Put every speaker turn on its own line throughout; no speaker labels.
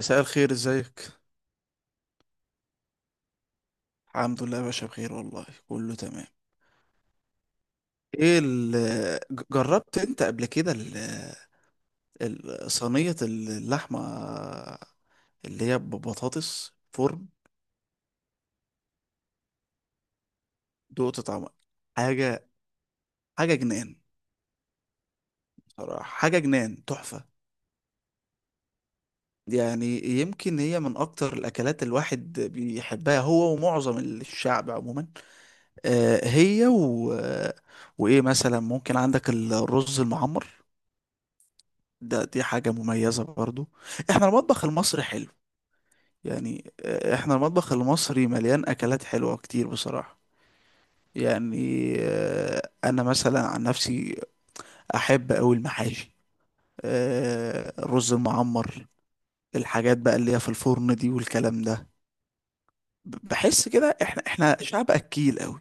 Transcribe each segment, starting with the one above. مساء الخير، ازيك؟ الحمد لله يا باشا بخير، والله كله تمام. ايه جربت انت قبل كده صينية اللحمة اللي هي ببطاطس فرن؟ دقت طعمها؟ حاجة، حاجة جنان. صراحة حاجة جنان، تحفة. يعني يمكن هي من اكتر الاكلات الواحد بيحبها، هو ومعظم الشعب عموما. آه هي وايه مثلا؟ ممكن عندك الرز المعمر، ده دي حاجة مميزة برضو. احنا المطبخ المصري حلو، يعني احنا المطبخ المصري مليان اكلات حلوة كتير بصراحة. يعني انا مثلا عن نفسي احب اوي المحاشي، الرز المعمر، الحاجات بقى اللي هي في الفرن دي والكلام ده. بحس كده احنا شعب اكيل اوي.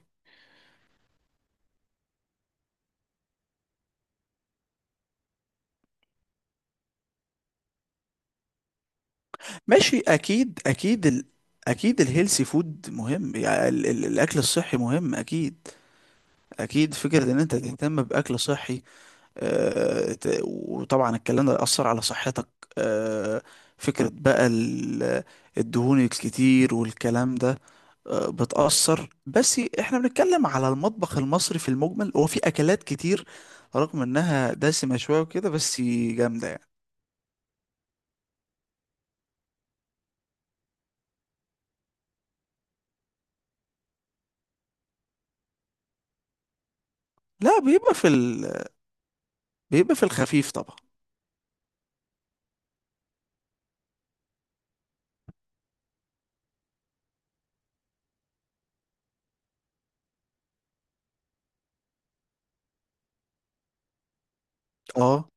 ماشي، اكيد اكيد اكيد الهيلثي فود مهم، يعني الاكل الصحي مهم اكيد. اكيد فكرة ان انت تهتم باكل صحي، وطبعا الكلام ده يأثر على صحتك. آه، فكرة بقى الدهون الكتير والكلام ده بتأثر. بس احنا بنتكلم على المطبخ المصري في المجمل، هو في أكلات كتير رغم انها دسمة شوية وكده، بس جامدة يعني. لا، بيبقى في بيبقى في الخفيف طبعا. اه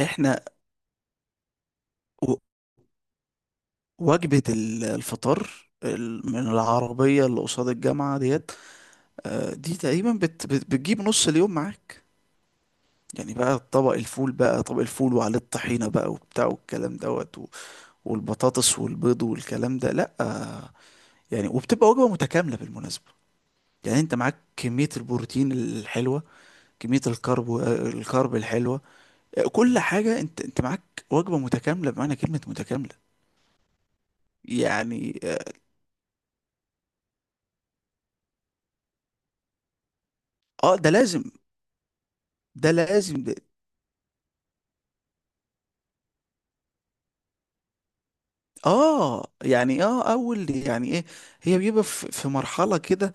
احنا، و- وجبة الفطار من العربية اللي قصاد الجامعة ديت، دي تقريبا بتجيب نص اليوم معاك. يعني بقى طبق الفول، بقى طبق الفول وعليه الطحينة بقى وبتاع والكلام دوت، والبطاطس والبيض والكلام ده، لا، يعني وبتبقى وجبة متكاملة بالمناسبة. يعني انت معاك كمية البروتين الحلوة، كمية الكرب، الكرب الحلوة، كل حاجة، انت معاك وجبة متكاملة بمعنى كلمة متكاملة، يعني. اه ده لازم، ده لازم ده. اه يعني اه اول يعني ايه؟ هي بيبقى في مرحلة كده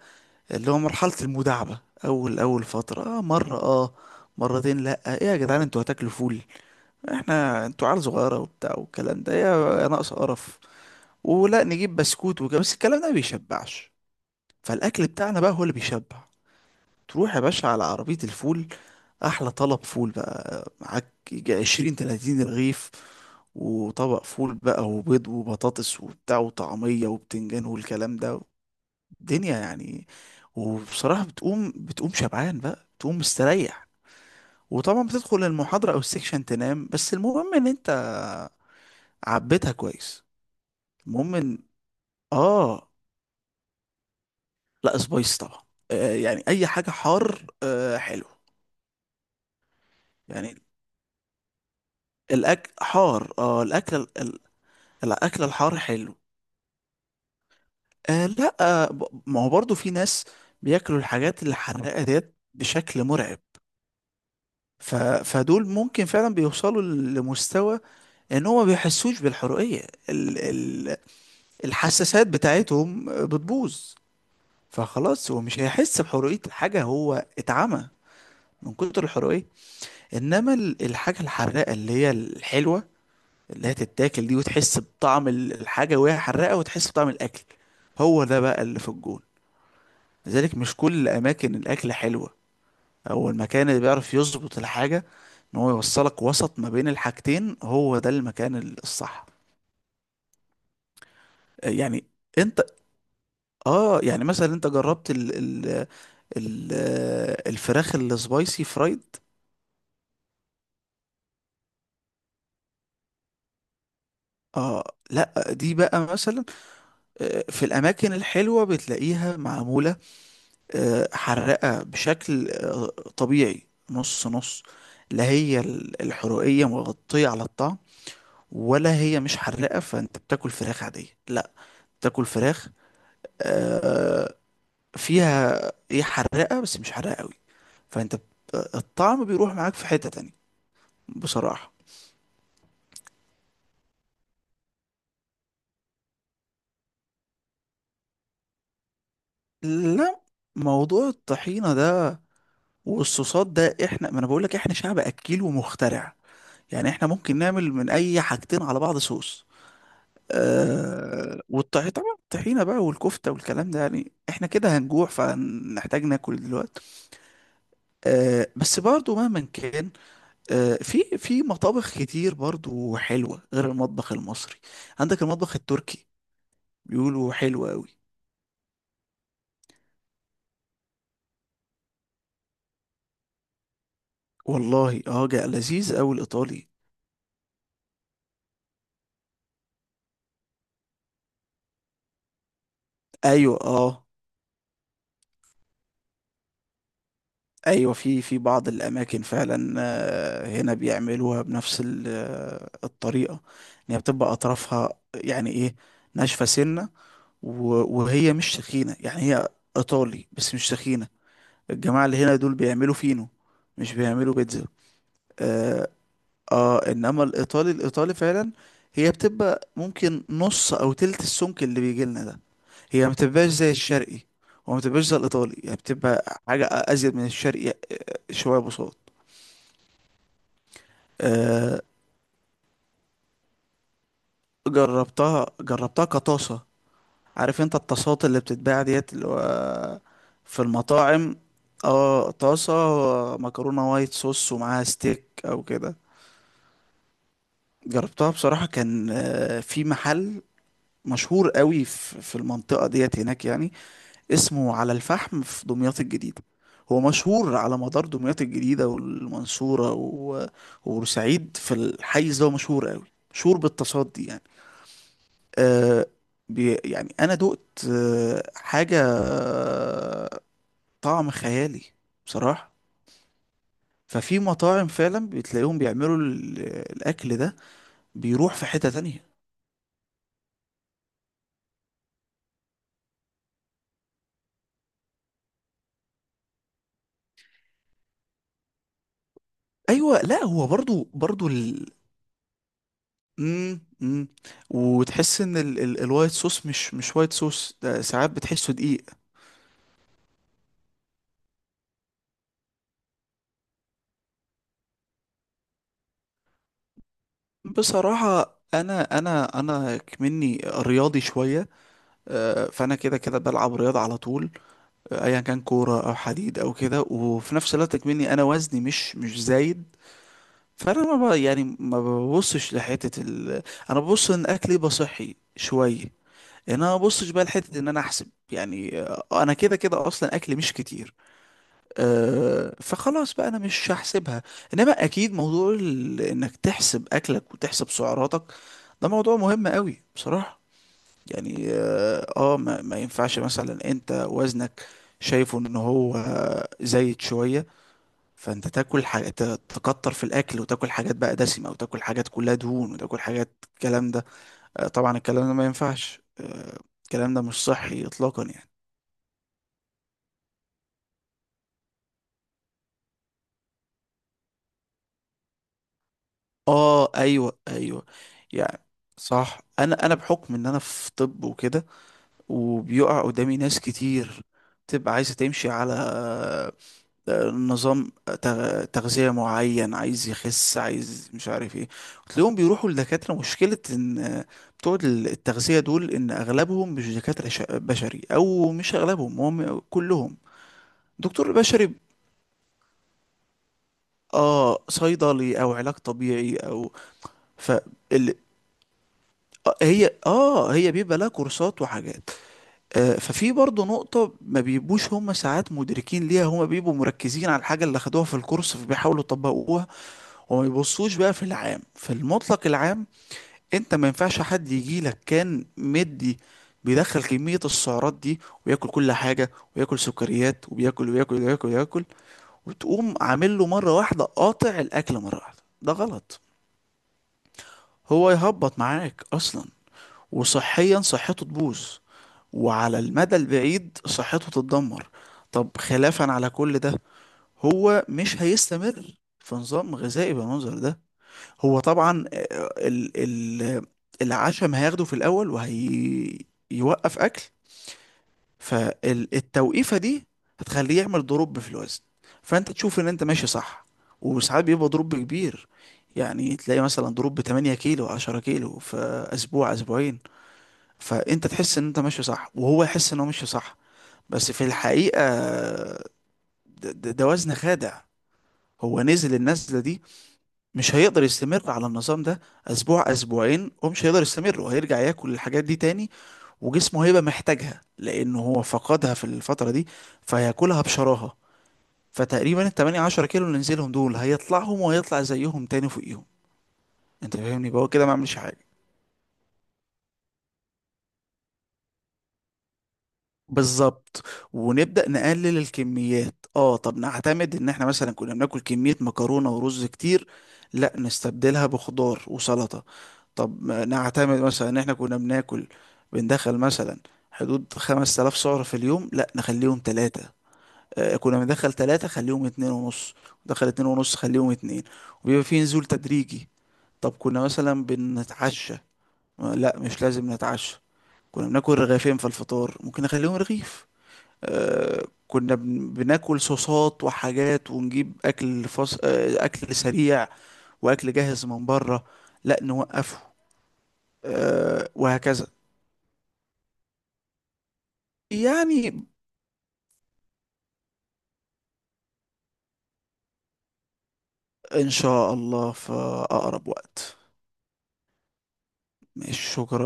اللي هو مرحلة المداعبة، أول أول فترة، آه مرة، آه مرتين. لأ، إيه يا جدعان انتوا هتاكلوا فول؟ احنا انتوا عيال صغيرة وبتاع والكلام ده، يا يا ناقص قرف. ولا نجيب بسكوت وكده، بس الكلام ده ما بيشبعش، فالأكل بتاعنا بقى هو اللي بيشبع. تروح يا باشا على عربية الفول، أحلى طلب فول بقى، معاك يجي عشرين تلاتين رغيف، وطبق فول بقى وبيض وبطاطس وبتاع وطعمية وبتنجان والكلام ده، دنيا يعني. وبصراحة بتقوم شبعان بقى، بتقوم مستريح. وطبعا بتدخل المحاضرة او السكشن تنام، بس المهم ان انت عبيتها كويس. المهم ان اه، لا سبايس طبعا. آه يعني اي حاجة حار، آه حلو، يعني الاكل حار، اه الاكل الاكل الحار حلو. آه لا، آه ما هو برضو في ناس بياكلوا الحاجات الحراقة ديت بشكل مرعب، ف... فدول ممكن فعلا بيوصلوا لمستوى ان هو ما بيحسوش بالحرية، ال ال الحساسات بتاعتهم بتبوظ، فخلاص هو مش هيحس بحرية الحاجة، هو اتعمى من كتر الحرية. انما الحاجة الحراقة اللي هي الحلوة، اللي هي تتاكل دي وتحس بطعم الحاجة وهي حراقة وتحس بطعم الاكل، هو ده بقى اللي في الجون. لذلك مش كل الاماكن الاكل حلوة، هو المكان اللي بيعرف يظبط الحاجة ان هو يوصلك وسط ما بين الحاجتين، هو ده المكان الصح يعني. انت اه يعني مثلا انت جربت ال ال ال الفراخ السبايسي فرايد؟ اه لا، دي بقى مثلا في الاماكن الحلوه بتلاقيها معموله حراقه بشكل طبيعي، نص نص. لا هي الحرقيه مغطيه على الطعم، ولا هي مش حراقه فانت بتاكل فراخ عاديه، لا بتاكل فراخ آه، فيها ايه حراقه بس مش حراقه قوي، الطعم بيروح معاك في حته تانية بصراحه. لا موضوع الطحينة ده والصوصات ده، احنا ما انا بقول لك احنا شعب اكيل ومخترع، يعني احنا ممكن نعمل من اي حاجتين على بعض صوص. آه والطحينة طبعا، الطحينة بقى والكفتة والكلام ده، يعني احنا كده هنجوع فهنحتاج ناكل دلوقتي. آه بس برضو مهما كان، آه في مطابخ كتير برضو حلوة غير المطبخ المصري، عندك المطبخ التركي بيقولوا حلو قوي. والله اه، جا لذيذ قوي الايطالي. ايوه اه، ايوه في بعض الاماكن فعلا هنا بيعملوها بنفس الطريقه، ان هي بتبقى اطرافها، يعني ايه، ناشفه سنه، وهي مش تخينه، يعني هي ايطالي بس مش تخينه. الجماعه اللي هنا دول بيعملوا فينو، مش بيعملوا بيتزا. اه, انما الايطالي فعلا هي بتبقى ممكن نص او تلت السمك اللي بيجي لنا ده. هي ما بتبقاش زي الشرقي، وما بتبقاش زي الايطالي، يعني بتبقى حاجه ازيد من الشرقي، شويه بساط. آه، جربتها، جربتها كطاسة. عارف انت الطاسات اللي بتتباع ديت اللي هو في المطاعم؟ اه طاسة، مكرونة وايت صوص ومعاها ستيك او كده، جربتها بصراحة، كان في محل مشهور قوي في المنطقة ديت هناك، يعني اسمه على الفحم في دمياط الجديدة، هو مشهور على مدار دمياط الجديدة والمنصورة وبورسعيد، في الحيز ده هو مشهور قوي، مشهور بالطاسات دي يعني. آه بي يعني انا دقت آه حاجه آه، طعم خيالي بصراحه. ففي مطاعم فعلا بتلاقيهم بيعملوا الاكل ده بيروح في حته تانية. ايوه لا هو برضو مم مم. وتحس ان الوايت صوص مش وايت صوص ده، ساعات بتحسه دقيق. بصراحه انا مني رياضي شويه، فانا كده كده بلعب رياضه على طول، ايا كان كوره او حديد او كده، وفي نفس الوقت اكمني انا وزني مش زايد. فانا ما ب- يعني ما ببصش لحته انا ببص ان اكلي يبقى صحي شويه، ان انا ما ببصش بقى لحته ان انا احسب يعني، انا كده كده اصلا اكلي مش كتير، أه فخلاص بقى انا مش هحسبها. انما اكيد موضوع انك تحسب اكلك وتحسب سعراتك ده موضوع مهم قوي بصراحه يعني. اه ما ينفعش مثلا انت وزنك شايفه ان هو زايد شوية، فانت تاكل حاجة تكتر في الاكل، وتاكل حاجات بقى دسمة، وتاكل حاجات كلها دهون، وتاكل حاجات الكلام ده. طبعا الكلام ده ما ينفعش، الكلام ده مش صحي اطلاقا يعني. اه ايوه، ايوه يعني صح، انا بحكم ان انا في طب وكده، وبيقع قدامي ناس كتير بتبقى عايزة تمشي على نظام تغذية معين، عايز يخس، عايز مش عارف ايه، وتلاقيهم بيروحوا لدكاترة. مشكلة ان بتوع التغذية دول ان اغلبهم مش دكاترة بشري، او مش اغلبهم، هم كلهم. دكتور بشري؟ اه صيدلي او علاج طبيعي او ف ال... هي اه هي بيبقى لها كورسات وحاجات. آه ففي برضه نقطة ما بيبقوش هم ساعات مدركين ليها، هم بيبقوا مركزين على الحاجة اللي اخدوها في الكورس فبيحاولوا يطبقوها، وما يبصوش بقى في العام، في المطلق العام. انت ما ينفعش حد يجي لك كان مدي بيدخل كمية السعرات دي وياكل كل حاجة وياكل سكريات وبياكل وياكل وياكل وياكل، وتقوم عامل له مرة واحدة قاطع الأكل مرة واحدة، ده غلط. هو يهبط معاك أصلا، وصحيا صحته تبوظ، وعلى المدى البعيد صحته تتدمر. طب خلافا على كل ده، هو مش هيستمر في نظام غذائي بالمنظر ده. هو طبعا آه، ال ال العشم هياخده في الاول وهيوقف اكل. فالتوقيفه دي هتخليه يعمل دروب في الوزن، فانت تشوف ان انت ماشي صح، وساعات بيبقى دروب كبير، يعني تلاقي مثلا دروب 8 كيلو 10 كيلو في اسبوع اسبوعين، فانت تحس ان انت ماشي صح وهو يحس ان هو ماشي صح. بس في الحقيقه ده وزن خادع، هو نزل النزله دي مش هيقدر يستمر على النظام ده اسبوع اسبوعين، ومش هيقدر يستمر وهيرجع ياكل الحاجات دي تاني، وجسمه هيبقى محتاجها لانه هو فقدها في الفترة دي فهياكلها بشراهة. فتقريبا ال 8 10 كيلو اللي نزلهم دول هيطلعهم وهيطلع زيهم تاني فوقيهم. انت فاهمني؟ يبقى هو كده ما عملش حاجة. بالظبط، ونبدأ نقلل الكميات. اه طب نعتمد ان احنا مثلا كنا بناكل كمية مكرونة ورز كتير، لا نستبدلها بخضار وسلطة. طب ما نعتمد مثلا ان احنا كنا بناكل، بندخل مثلا حدود 5000 سعر في اليوم، لا نخليهم ثلاثة، آه كنا بندخل ثلاثة خليهم اتنين ونص، ندخل اتنين ونص خليهم اتنين، وبيبقى في نزول تدريجي. طب كنا مثلا بنتعشى لا مش لازم نتعشى، كنا بناكل رغيفين في الفطار ممكن نخليهم رغيف، آه، كنا بناكل صوصات وحاجات، ونجيب اكل فص... آه، اكل سريع واكل جاهز من بره لا نوقفه، وهكذا. يعني إن شاء الله في أقرب وقت. ماشي، شكرا.